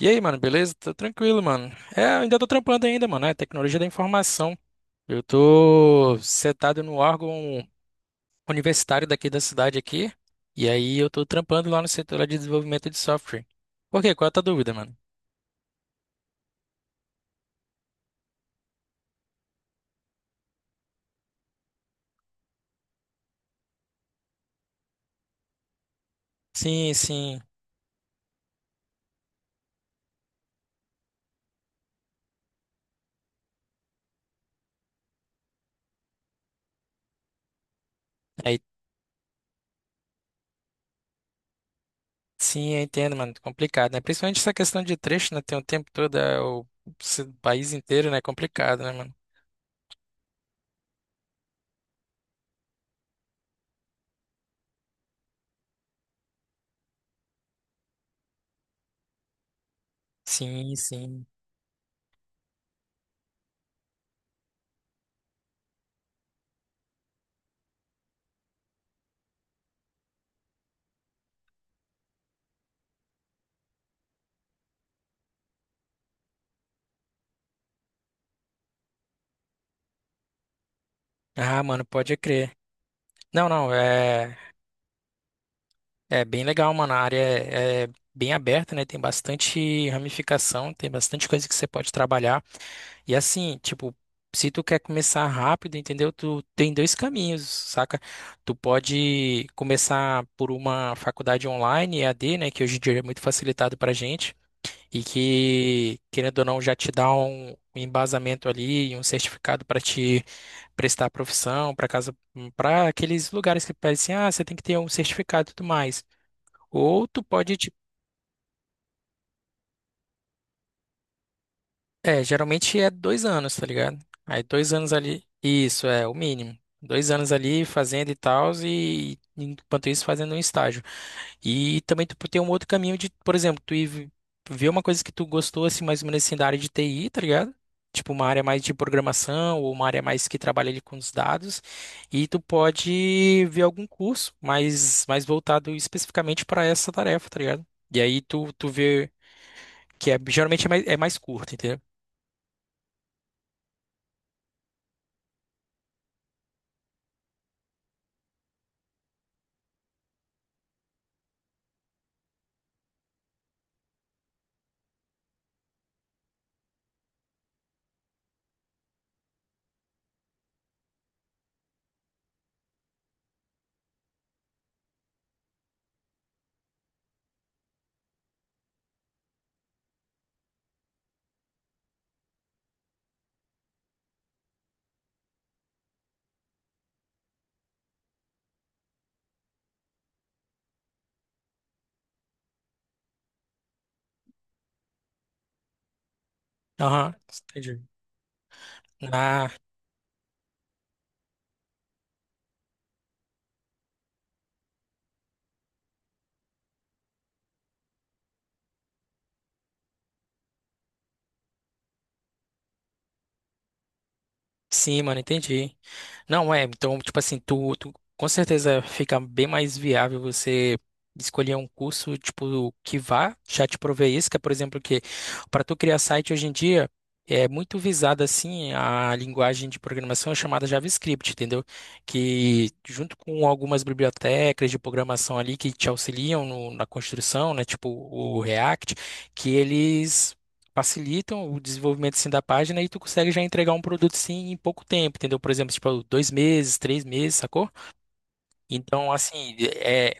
E aí, mano, beleza? Tô tranquilo, mano. É, eu ainda tô trampando ainda, mano. É tecnologia da informação. Eu tô setado no órgão universitário daqui da cidade aqui. E aí eu tô trampando lá no setor lá de desenvolvimento de software. Por quê? Qual é a tua dúvida, mano? Sim, sim. Aí, sim, eu entendo, mano. Complicado, né? Principalmente essa questão de trecho, né? Tem o tempo todo, o país inteiro, né? É complicado, né, mano? Sim, sim. Ah, mano, pode crer. Não, não, é. É bem legal, mano. A área é bem aberta, né? Tem bastante ramificação, tem bastante coisa que você pode trabalhar. E assim, tipo, se tu quer começar rápido, entendeu? Tu tem dois caminhos, saca? Tu pode começar por uma faculdade online, EAD, né? Que hoje em dia é muito facilitado pra gente. E que, querendo ou não, já te dá um embasamento ali, um certificado para te prestar a profissão, para casa, para aqueles lugares que pedem assim, ah, você tem que ter um certificado e tudo mais. Ou tu pode, tipo, geralmente é 2 anos, tá ligado? Aí 2 anos ali, isso é o mínimo. 2 anos ali fazendo e tal, e enquanto isso fazendo um estágio. E também tu tem um outro caminho de, por exemplo, tu ir ver uma coisa que tu gostou, assim, mais ou menos assim, da área de TI, tá ligado? Tipo, uma área mais de programação ou uma área mais que trabalha ali com os dados. E tu pode ver algum curso mais voltado especificamente para essa tarefa, tá ligado? E aí tu vê que é, geralmente é mais curto, entendeu? Aham, entendi. Ah, sim, mano, entendi. Não, então, tipo assim, tu com certeza fica bem mais viável você escolher um curso, tipo, que vá já te prover isso, que é, por exemplo, que para tu criar site hoje em dia é muito visada, assim, a linguagem de programação chamada JavaScript, entendeu? Que junto com algumas bibliotecas de programação ali que te auxiliam na construção, né, tipo o React, que eles facilitam o desenvolvimento assim, da página e tu consegue já entregar um produto sim em pouco tempo, entendeu? Por exemplo, tipo, 2 meses, 3 meses, sacou? Então, assim,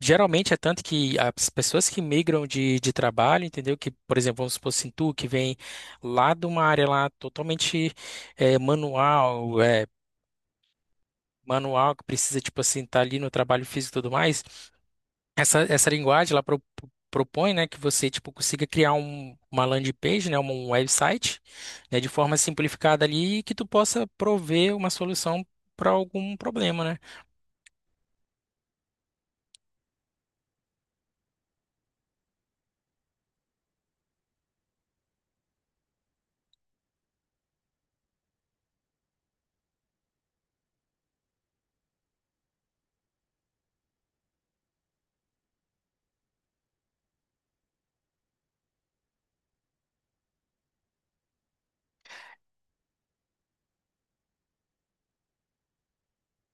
geralmente é tanto que as pessoas que migram de trabalho, entendeu? Que, por exemplo, vamos supor assim, tu que vem lá de uma área lá totalmente é, manual, é, manual que precisa, tipo assim, estar ali no trabalho físico e tudo mais. Essa linguagem ela propõe, né, que você tipo consiga criar uma landing page, né, um website, né, de forma simplificada ali e que tu possa prover uma solução para algum problema, né?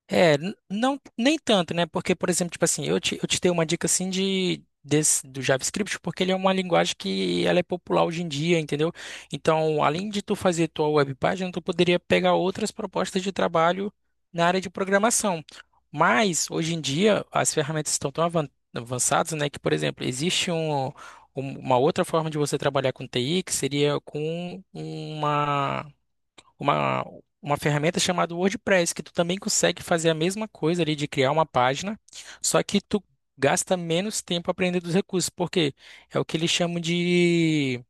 É, não, nem tanto, né? Porque, por exemplo, tipo assim, eu te dei uma dica assim do JavaScript, porque ele é uma linguagem que ela é popular hoje em dia, entendeu? Então, além de tu fazer tua web página, tu poderia pegar outras propostas de trabalho na área de programação. Mas, hoje em dia, as ferramentas estão tão avançadas, né? Que, por exemplo, existe uma outra forma de você trabalhar com TI, que seria com uma, uma ferramenta chamada WordPress, que tu também consegue fazer a mesma coisa ali de criar uma página, só que tu gasta menos tempo aprendendo os recursos, porque é o que eles chamam de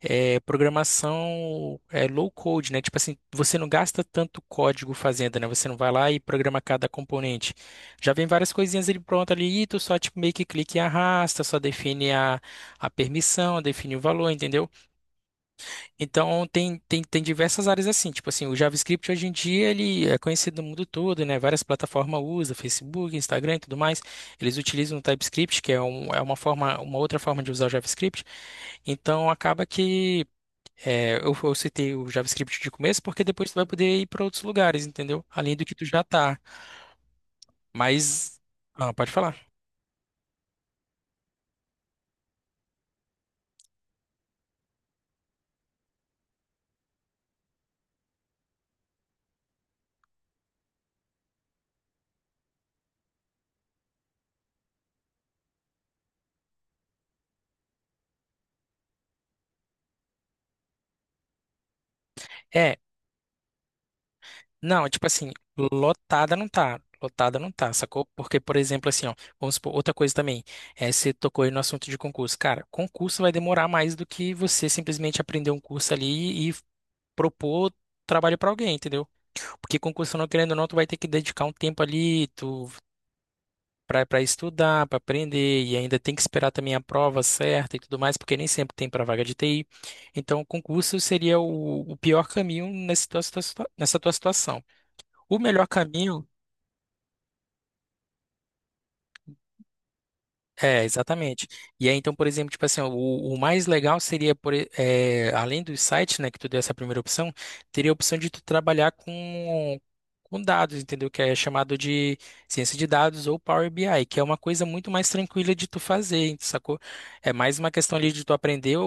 programação low code, né? Tipo assim, você não gasta tanto código fazendo, né? Você não vai lá e programa cada componente. Já vem várias coisinhas ali pronto ali, e tu só tipo, meio que clica e arrasta, só define a permissão, define o valor, entendeu? Então tem diversas áreas assim, tipo assim, o JavaScript hoje em dia ele é conhecido no mundo todo, né? Várias plataformas usam, Facebook, Instagram e tudo mais. Eles utilizam o TypeScript, que é uma forma, uma outra forma de usar o JavaScript. Então acaba que eu citei o JavaScript de começo porque depois tu vai poder ir para outros lugares, entendeu? Além do que tu já tá. Mas ah, pode falar. é Não, tipo assim, lotada não tá. Lotada não tá, sacou? Porque, por exemplo, assim, ó, vamos supor, outra coisa também, você tocou aí no assunto de concurso. Cara, concurso vai demorar mais do que você simplesmente aprender um curso ali e propor trabalho pra alguém, entendeu? Porque concurso, não querendo ou não, tu vai ter que dedicar um tempo ali, tu pra estudar, pra aprender, e ainda tem que esperar também a prova certa e tudo mais, porque nem sempre tem pra vaga de TI. Então, concurso seria o pior caminho nessa tua situação. O melhor caminho. É, exatamente. E aí, então, por exemplo, tipo assim, ó, o mais legal seria, além do site, né, que tu deu essa primeira opção, teria a opção de tu trabalhar com dados, entendeu? Que é chamado de ciência de dados ou Power BI, que é uma coisa muito mais tranquila de tu fazer, sacou? É mais uma questão ali de tu aprender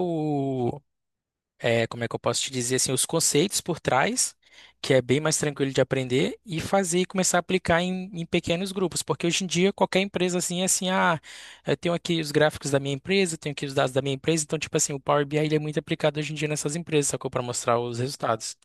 como é que eu posso te dizer assim, os conceitos por trás, que é bem mais tranquilo de aprender, e fazer e começar a aplicar em pequenos grupos, porque hoje em dia qualquer empresa assim é assim, ah, eu tenho aqui os gráficos da minha empresa, tenho aqui os dados da minha empresa, então tipo assim, o Power BI ele é muito aplicado hoje em dia nessas empresas, sacou? Para mostrar os resultados.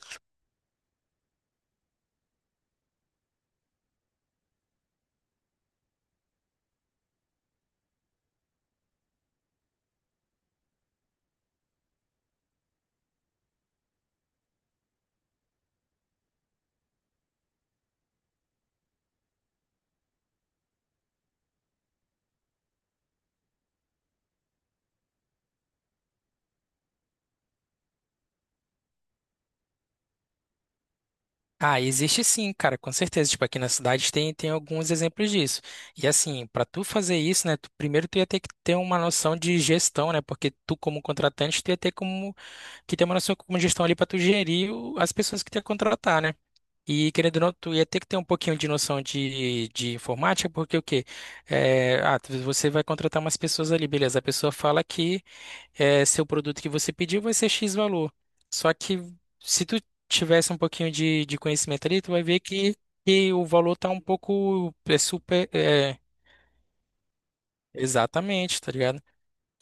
Ah, existe sim, cara, com certeza. Tipo, aqui na cidade tem alguns exemplos disso. E assim, para tu fazer isso, né, primeiro tu ia ter que ter uma noção de gestão, né, porque tu como contratante, tu ia ter como que tem uma noção como gestão ali para tu gerir as pessoas que tu ia contratar, né? E querendo ou não, tu ia ter que ter um pouquinho de noção de informática, porque o quê? Ah, você vai contratar umas pessoas ali, beleza. A pessoa fala que seu produto que você pediu vai ser X valor. Só que se tu tivesse um pouquinho de conhecimento ali, tu vai ver que o valor tá um pouco é super. É, exatamente, tá ligado?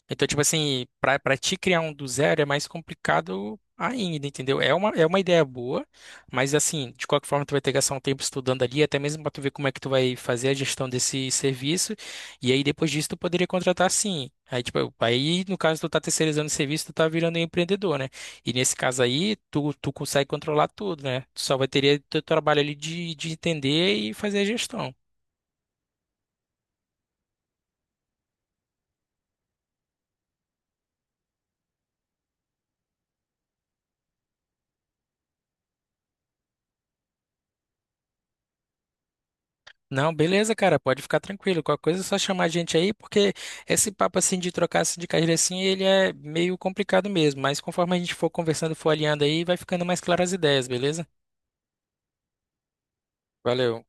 Então, tipo assim, pra te criar um do zero é mais complicado ainda, entendeu? É uma ideia boa, mas assim, de qualquer forma, tu vai ter que gastar um tempo estudando ali, até mesmo pra tu ver como é que tu vai fazer a gestão desse serviço. E aí, depois disso, tu poderia contratar sim. Aí, tipo, aí, no caso, tu tá terceirizando o serviço, tu tá virando um empreendedor, né? E nesse caso aí, tu consegue controlar tudo, né? Tu só vai ter teu trabalho ali de entender e fazer a gestão. Não, beleza, cara, pode ficar tranquilo. Qualquer coisa é só chamar a gente aí, porque esse papo assim de trocar assim, de carreira assim, ele é meio complicado mesmo, mas conforme a gente for conversando, for alinhando aí, vai ficando mais claras as ideias, beleza? Valeu.